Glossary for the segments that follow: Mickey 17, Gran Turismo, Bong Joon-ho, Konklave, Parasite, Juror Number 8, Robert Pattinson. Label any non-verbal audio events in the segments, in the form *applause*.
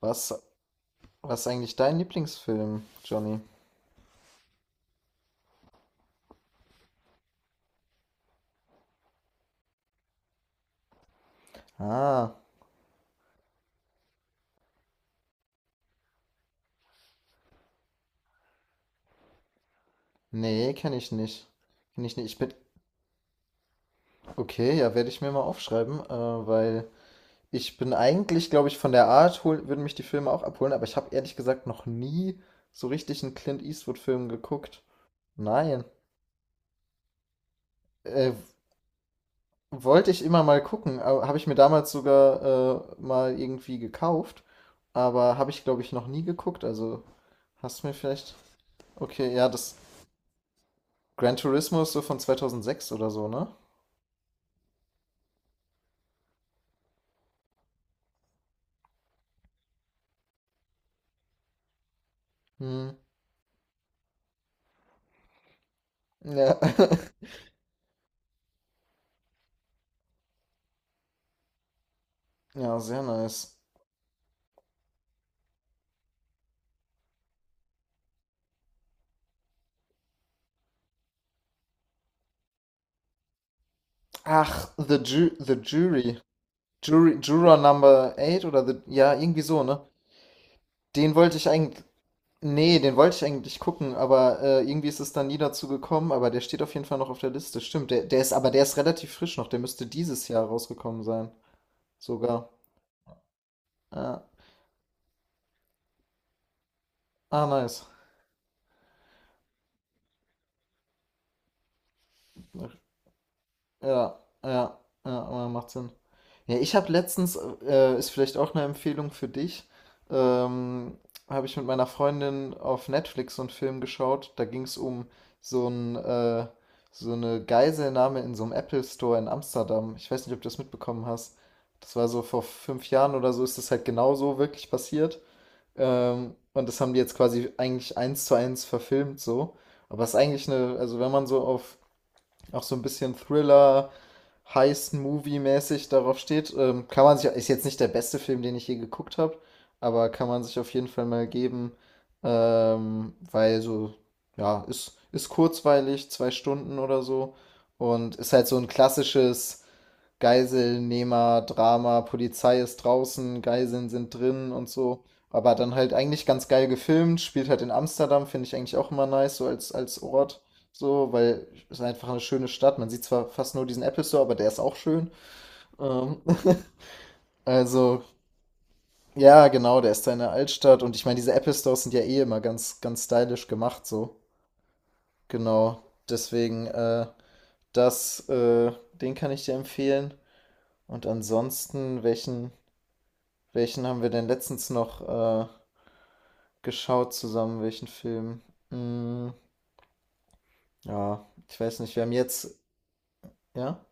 Was, was ist eigentlich dein Lieblingsfilm, Johnny? Ah, nee, kenne ich nicht. Kenne ich nicht. Ich bin. Okay, ja, werde ich mir mal aufschreiben, weil ich bin eigentlich, glaube ich, von der Art hol, würden mich die Filme auch abholen, aber ich habe ehrlich gesagt noch nie so richtig einen Clint Eastwood-Film geguckt. Nein. Äh, Wollte ich immer mal gucken, habe ich mir damals sogar mal irgendwie gekauft, aber habe ich, glaube ich, noch nie geguckt. Also hast du mir vielleicht. Okay, ja, das. Gran Turismo ist so von 2006 oder so, ne? Hm. Ja. *laughs* Ja, sehr nice. Ach, The Jury. Jury. Juror Number 8 oder the, ja, irgendwie so, ne? Den wollte ich eigentlich. Nee, den wollte ich eigentlich gucken, aber irgendwie ist es dann nie dazu gekommen, aber der steht auf jeden Fall noch auf der Liste. Stimmt, der ist, aber der ist relativ frisch noch, der müsste dieses Jahr rausgekommen sein. Sogar. Ja. Ah, nice. Ja, ja, ja, aber macht Sinn. Ja, ich habe letztens, ist vielleicht auch eine Empfehlung für dich, ähm, habe ich mit meiner Freundin auf Netflix so einen Film geschaut. Da ging es um so ein, äh, so eine Geiselnahme in so einem Apple Store in Amsterdam. Ich weiß nicht, ob du das mitbekommen hast. Das war so vor 5 Jahren oder so, ist das halt genau so wirklich passiert. Und das haben die jetzt quasi eigentlich eins zu eins verfilmt so. Aber es ist eigentlich eine, also wenn man so auf auch so ein bisschen Thriller, Heist-Movie-mäßig darauf steht. Kann man sich, ist jetzt nicht der beste Film, den ich je geguckt habe, aber kann man sich auf jeden Fall mal geben, weil so, ja, ist kurzweilig, 2 Stunden oder so und ist halt so ein klassisches Geiselnehmer, Drama, Polizei ist draußen, Geiseln sind drin und so. Aber dann halt eigentlich ganz geil gefilmt, spielt halt in Amsterdam, finde ich eigentlich auch immer nice, so als Ort. So, weil es ist einfach eine schöne Stadt. Man sieht zwar fast nur diesen Apple Store, aber der ist auch schön. Ähm, *laughs* also, ja, genau, der ist da in der Altstadt. Und ich meine, diese Apple Stores sind ja eh immer ganz, ganz stylisch gemacht, so. Genau. Deswegen, den kann ich dir empfehlen. Und ansonsten, welchen haben wir denn letztens noch geschaut zusammen? Welchen Film? Mm, ja, ich weiß nicht. Wir haben jetzt, ja?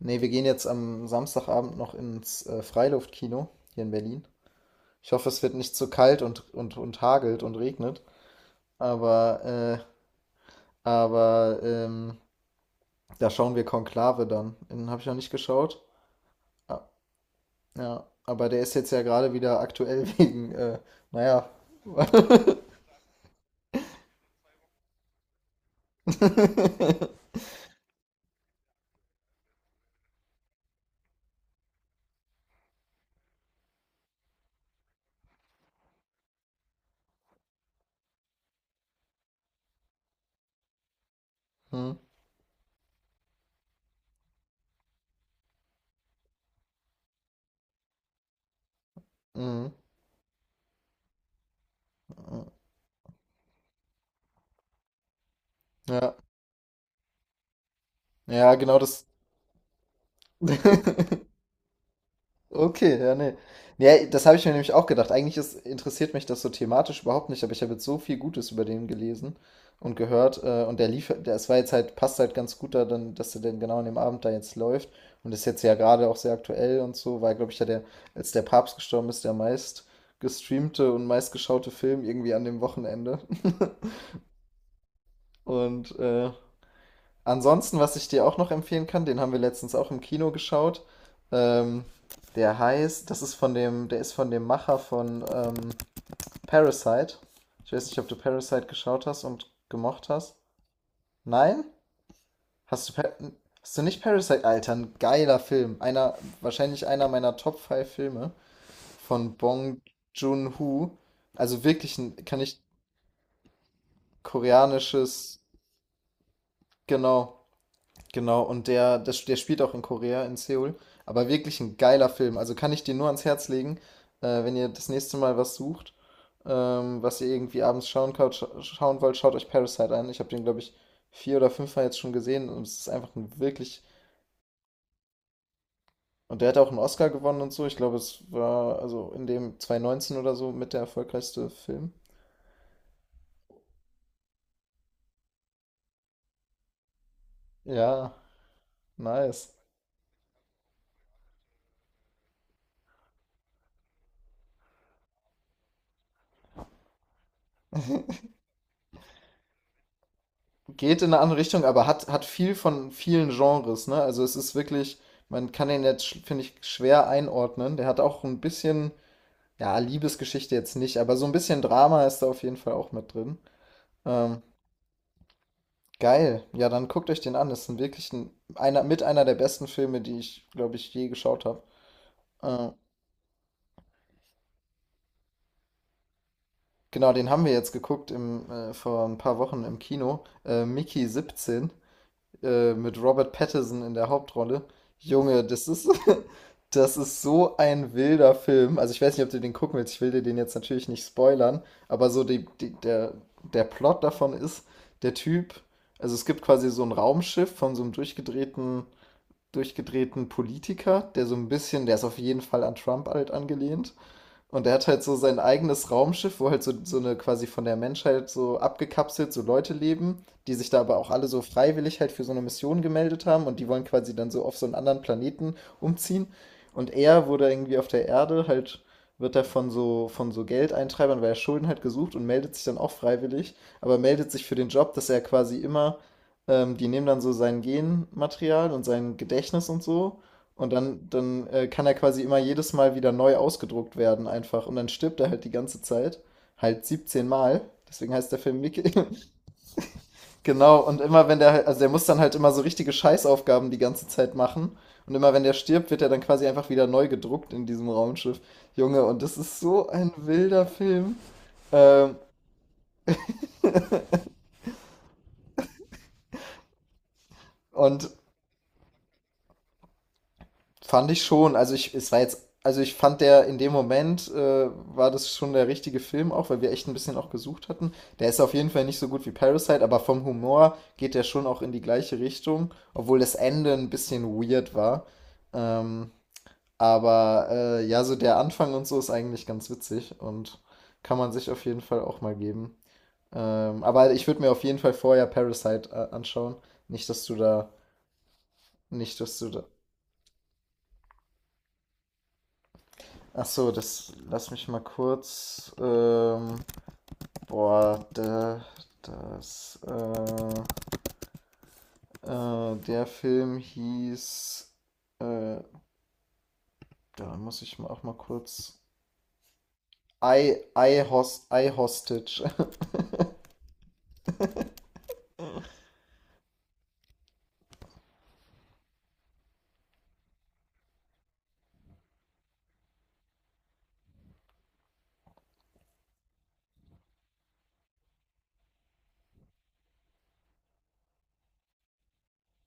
Nee, wir gehen jetzt am Samstagabend noch ins Freiluftkino hier in Berlin. Ich hoffe, es wird nicht zu kalt und hagelt und regnet. Aber, äh, aber, da schauen wir Konklave dann. Den habe ich noch nicht geschaut. Ah, ja, aber der ist jetzt ja gerade wieder aktuell *laughs* wegen, naja. *laughs* Hm, mhm. Ja, ja, genau das. *laughs* Okay, ja, nee. Ja, das habe ich mir nämlich auch gedacht. Eigentlich ist, interessiert mich das so thematisch überhaupt nicht, aber ich habe jetzt so viel Gutes über den gelesen und gehört. Und es war jetzt halt, passt halt ganz gut da, dann, dass der denn genau an dem Abend da jetzt läuft. Und ist jetzt ja gerade auch sehr aktuell und so, weil, glaube ich, ja der, als der Papst gestorben ist, der meist gestreamte und meist geschaute Film irgendwie an dem Wochenende. *laughs* Und äh, Ansonsten, was ich dir auch noch empfehlen kann, den haben wir letztens auch im Kino geschaut. Ähm, das ist der ist von dem Macher von Parasite. Ich weiß nicht, ob du Parasite geschaut hast und gemocht hast. Nein? Hast du, Pa- hast du nicht Parasite? Alter, ein geiler Film. Einer, wahrscheinlich einer meiner Top 5 Filme von Bong Joon-ho. Also wirklich ein, kann ich koreanisches, genau. Genau, und der spielt auch in Korea, in Seoul. Aber wirklich ein geiler Film. Also kann ich dir nur ans Herz legen, wenn ihr das nächste Mal was sucht, was ihr irgendwie abends schauen wollt, schaut euch Parasite an. Ich habe den, glaube ich, 4 oder 5 mal jetzt schon gesehen und es ist einfach ein wirklich. Und der hat auch einen Oscar gewonnen und so. Ich glaube, es war also in dem 2019 oder so mit der erfolgreichste Film. Ja, nice. Geht in eine andere Richtung, aber hat viel von vielen Genres, ne? Also es ist wirklich, man kann den jetzt, sch- finde ich, schwer einordnen. Der hat auch ein bisschen, ja, Liebesgeschichte jetzt nicht, aber so ein bisschen Drama ist da auf jeden Fall auch mit drin. Ähm, geil. Ja, dann guckt euch den an. Das ist wirklich ein, einer, mit einer der besten Filme, die ich, glaube ich, je geschaut habe. Äh, genau, den haben wir jetzt geguckt vor ein paar Wochen im Kino. Mickey 17. Mit Robert Pattinson in der Hauptrolle. Junge, das ist, *laughs* das ist so ein wilder Film. Also ich weiß nicht, ob du den gucken willst. Ich will dir den jetzt natürlich nicht spoilern, aber so der Plot davon ist, der Typ, also es gibt quasi so ein Raumschiff von so einem durchgedrehten Politiker, der so ein bisschen, der ist auf jeden Fall an Trump halt angelehnt. Und er hat halt so sein eigenes Raumschiff, wo halt so, so eine quasi von der Menschheit so abgekapselt so Leute leben, die sich da aber auch alle so freiwillig halt für so eine Mission gemeldet haben und die wollen quasi dann so auf so einen anderen Planeten umziehen. Und er wurde irgendwie auf der Erde halt, wird er von von so Geldeintreibern, weil er Schulden halt gesucht und meldet sich dann auch freiwillig, aber meldet sich für den Job, dass er quasi immer, die nehmen dann so sein Genmaterial und sein Gedächtnis und so und kann er quasi immer jedes Mal wieder neu ausgedruckt werden einfach und dann stirbt er halt die ganze Zeit, halt 17 Mal. Deswegen heißt der Film Mickey. *laughs* Genau, und immer wenn der halt also der muss dann halt immer so richtige Scheißaufgaben die ganze Zeit machen und immer wenn der stirbt, wird er dann quasi einfach wieder neu gedruckt in diesem Raumschiff. Junge, und das ist so ein wilder Film. Ähm, und Fand ich schon. Also ich, es war jetzt, also ich fand der in dem Moment war das schon der richtige Film auch, weil wir echt ein bisschen auch gesucht hatten. Der ist auf jeden Fall nicht so gut wie Parasite, aber vom Humor geht der schon auch in die gleiche Richtung, obwohl das Ende ein bisschen weird war. Ähm, ja, so der Anfang und so ist eigentlich ganz witzig und kann man sich auf jeden Fall auch mal geben. Aber ich würde mir auf jeden Fall vorher Parasite anschauen. Nicht, dass du da, nicht, dass du da. Ach so, das lass mich mal kurz. Boah, das, äh, der Film hieß, äh, da muss ich mal auch mal kurz. I Hostage. *laughs*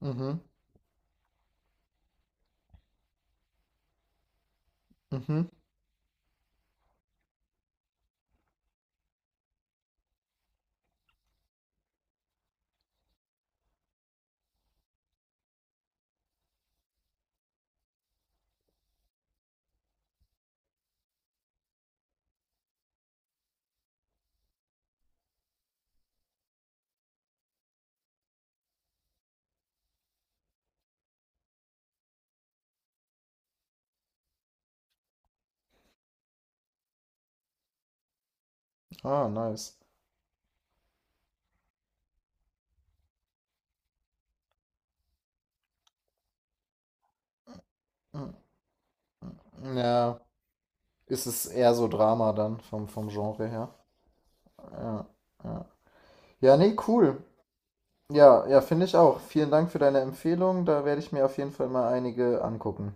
Mhm, mhm. Ah, nice. Mm, Ja, ist es eher so Drama dann vom, vom Genre her. Ja, ja. Ja, nee, cool. Ja, ja, finde ich auch. Vielen Dank für deine Empfehlung. Da werde ich mir auf jeden Fall mal einige angucken.